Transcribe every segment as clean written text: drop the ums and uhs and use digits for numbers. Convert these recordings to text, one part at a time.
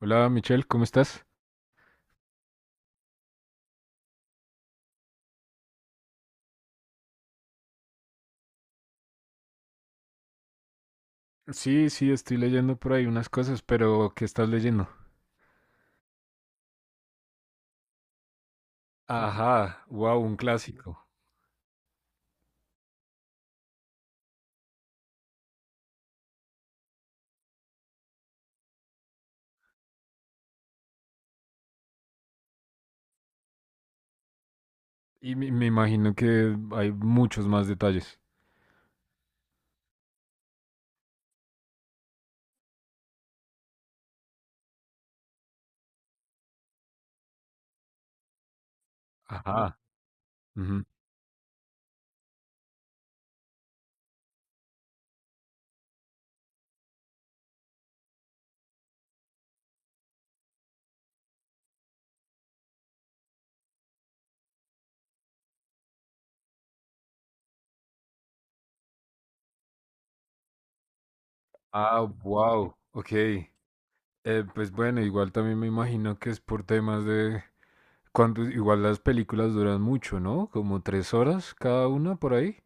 Hola Michelle, ¿cómo estás? Sí, sí, estoy leyendo por ahí unas cosas, pero ¿qué estás leyendo? Ajá, wow, un clásico. Y me imagino que hay muchos más detalles. Ajá. Ujú. Ah, wow, ok. Pues bueno, igual también me imagino que es por temas de... Igual las películas duran mucho, ¿no? Como tres horas cada una por ahí.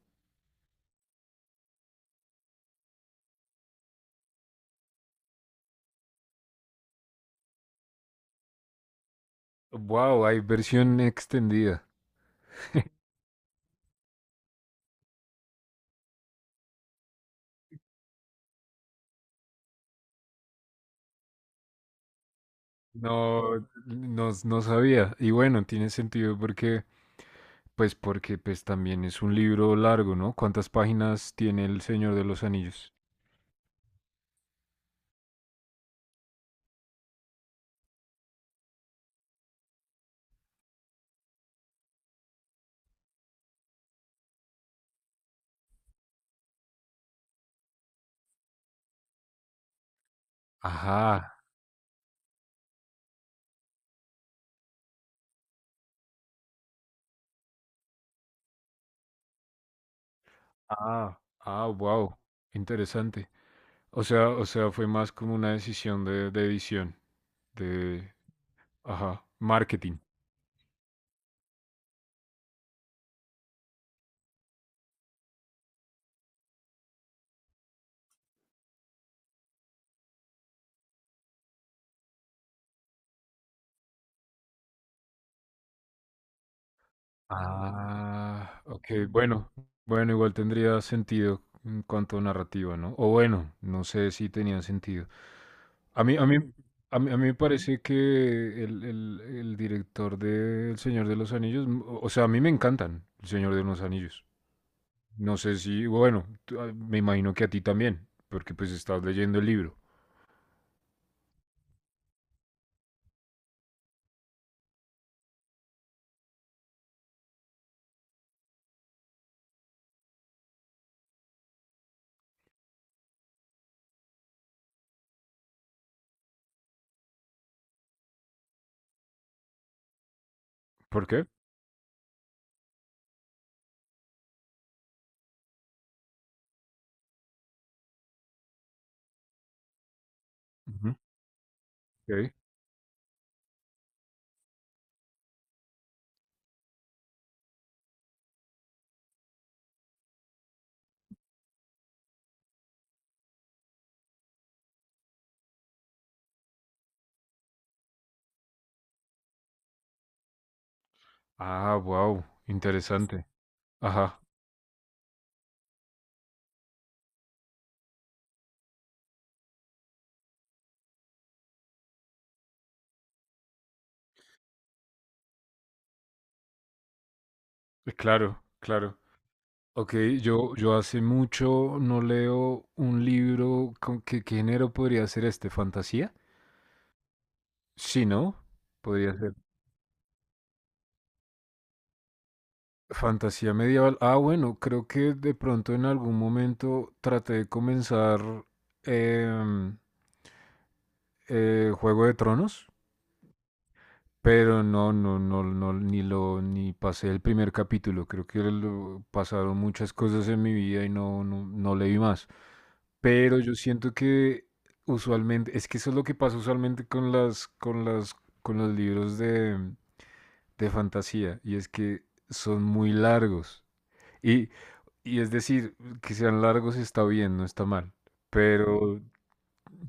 Wow, hay versión extendida. No, no, no sabía. Y bueno, tiene sentido porque pues también es un libro largo, ¿no? ¿Cuántas páginas tiene El Señor de los Anillos? Ajá, ah, ah, wow, interesante. O sea, fue más como una decisión de edición, de, ajá, marketing. Ah, ok, bueno, bueno, igual tendría sentido en cuanto a narrativa, ¿no? O bueno, no sé si tenía sentido. A mí, a mí, a mí me parece que el director de El Señor de los Anillos, o sea, a mí me encantan El Señor de los Anillos. No sé si, bueno, ah, me imagino que a ti también, porque pues estás leyendo el libro. ¿Por qué? Ujú. Ok. Ah, wow, interesante. Ajá, claro, claro. Ok, yo hace mucho no leo un libro con qué género podría ser este, ¿fantasía? Sí, ¿no? Podría ser. Fantasía medieval. Ah, bueno, creo que de pronto en algún momento traté de comenzar em, Juego de Tronos, pero no, no, no, no, ni pasé el primer capítulo. Creo que pasaron muchas cosas en mi vida y no, no, no leí más. Pero yo siento que usualmente, es que eso es lo que pasa usualmente con con los libros de fantasía, y es que son muy largos. Y Y es decir, que sean largos está bien, no está mal, pero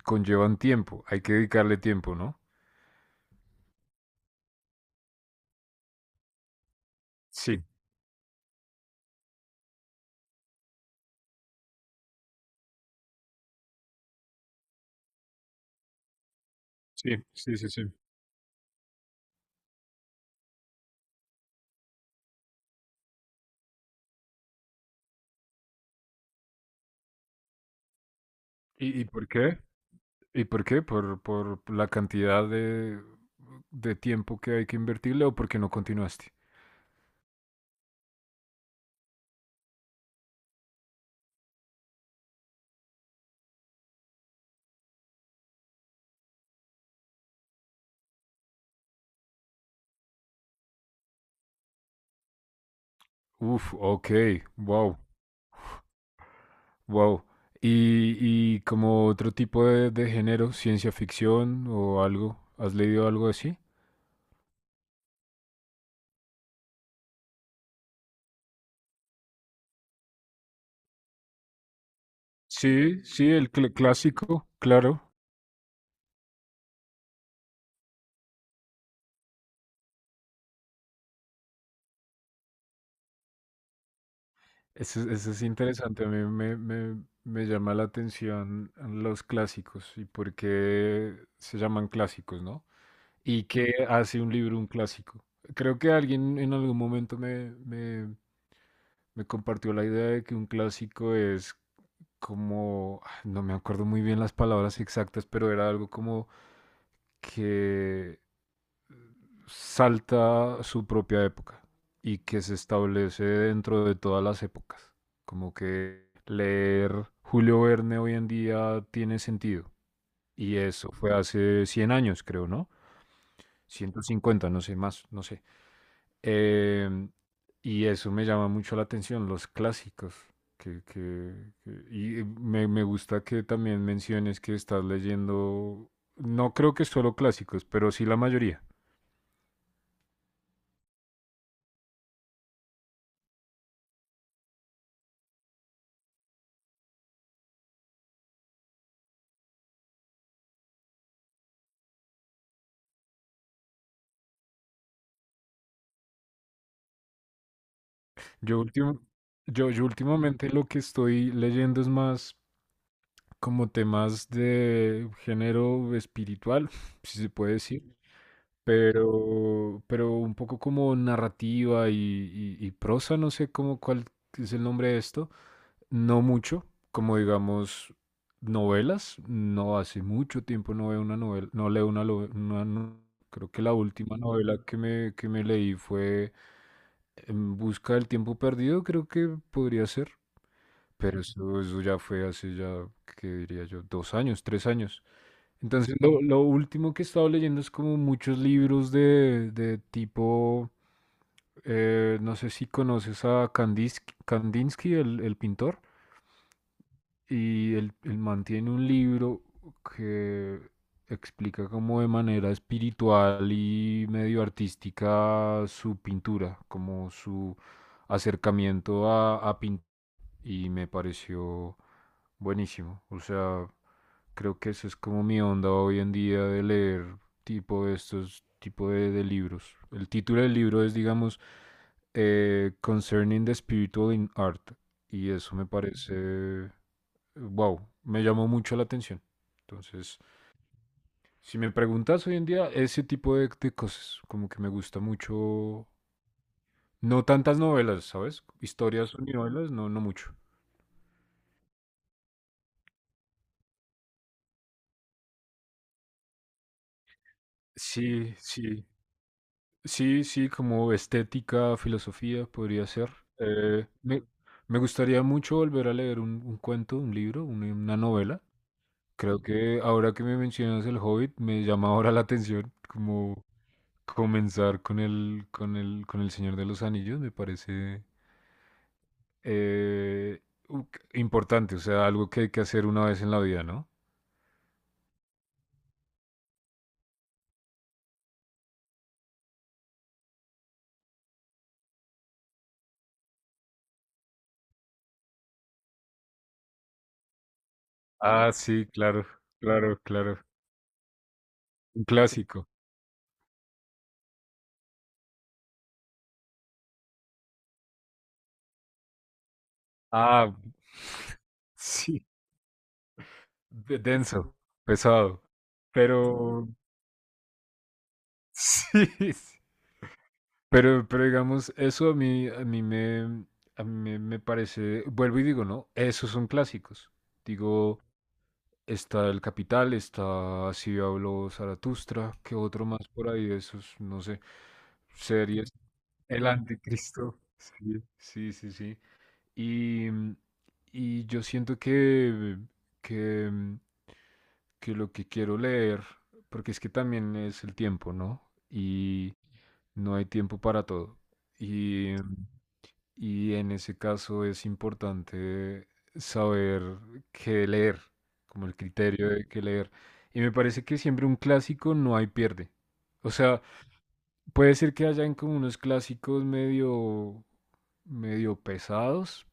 conllevan tiempo, hay que dedicarle tiempo, ¿no? Sí, sí, sí, sí, sí. ¿Y por qué? ¿Y por qué? ¿Por la cantidad de tiempo que hay que invertirle o porque no continuaste? Uf, ok, wow, wow. ¿Y, y como otro tipo de género, ciencia ficción o algo? ¿Has leído algo así? Sí, sí, el clásico, claro. Eso es interesante, a mí me llama la atención los clásicos y por qué se llaman clásicos, ¿no? ¿Y qué hace un libro un clásico? Creo que alguien en algún momento me compartió la idea de que un clásico es como, ah, no me acuerdo muy bien las palabras exactas, pero era algo como que salta su propia época y que se establece dentro de todas las épocas. Como que leer Julio Verne hoy en día tiene sentido. Y eso fue hace 100 años, creo, ¿no? 150, no sé más, no sé. Eh, y eso me llama mucho la atención, los clásicos. Que, que- y me gusta que también menciones que estás leyendo, no creo que solo clásicos, pero sí la mayoría. Yo, últim- yo últimamente lo que estoy leyendo es más como temas de género espiritual, si se puede decir, pero un poco como narrativa y, y prosa, no sé cómo cuál es el nombre de esto, no mucho, como digamos novelas, no hace mucho tiempo no veo una novela, no leo una, creo que la última novela que me leí fue En Busca del Tiempo Perdido, creo que podría ser. Pero eso ya fue hace ya, ¿qué diría yo? 2 años, 3 años. Entonces, lo último que he estado leyendo es como muchos libros de tipo, no sé si conoces a Kandinsky, Kandinsky el pintor, y él mantiene un libro que explica como de manera espiritual y medio artística su pintura, como su acercamiento a pintar y me pareció buenísimo. O sea, creo que esa es como mi onda hoy en día de leer tipo de estos tipo de libros. El título del libro es, digamos, Concerning the Spiritual in Art. Y eso me parece, wow, me llamó mucho la atención. Entonces, si me preguntas hoy en día, ese tipo de cosas, como que me gusta mucho, no tantas novelas, ¿sabes? Historias y novelas, no, no mucho. Sí, sí, sí, sí, como estética, filosofía podría ser. Eh, me, me gustaría mucho volver a leer un cuento, un libro, una novela. Creo que ahora que me mencionas El Hobbit, me llama ahora la atención como comenzar con el Señor de los Anillos, me parece eh, u- importante, o sea, algo que hay que hacer una vez en la vida, ¿no? Ah, sí, claro, claro, claro. Un clásico. Ah, sí. De- denso, pesado, pero sí, sí. Pero digamos, eso a mí me, me parece, vuelvo y digo, ¿no? Esos son clásicos. Digo, está El Capital, está Si habló Zaratustra, qué otro más por ahí de esos, no sé, series. El Anticristo. Sí, sí, sí, sí. Y, y yo siento que, que que lo que quiero leer, porque es que también es el tiempo, ¿no? Y no hay tiempo para todo. Y, y en ese caso es importante saber qué leer, como el criterio de qué leer. Y me parece que siempre un clásico no hay pierde. O sea, puede ser que hayan como unos clásicos medio, medio pesados,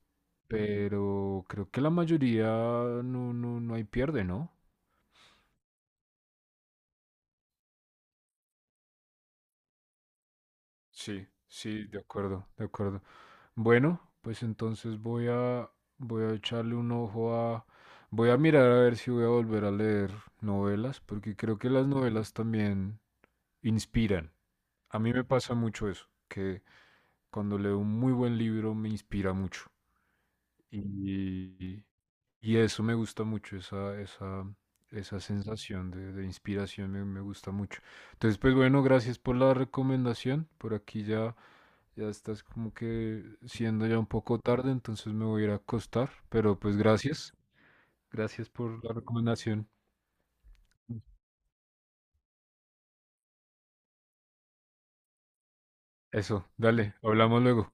pero creo que la mayoría no, no, no hay pierde, ¿no? Sí, sí, de acuerdo, de acuerdo. Bueno, pues entonces voy a echarle un ojo a voy a mirar a ver si voy a volver a leer novelas, porque creo que las novelas también inspiran. A mí me pasa mucho eso, que cuando leo un muy buen libro me inspira mucho. Y, y eso me gusta mucho, esa sensación de inspiración me gusta mucho. Entonces, pues bueno, gracias por la recomendación. Por aquí ya estás como que siendo ya un poco tarde, entonces me voy a ir a acostar, pero pues gracias. Gracias por la recomendación. Eso, dale, hablamos luego.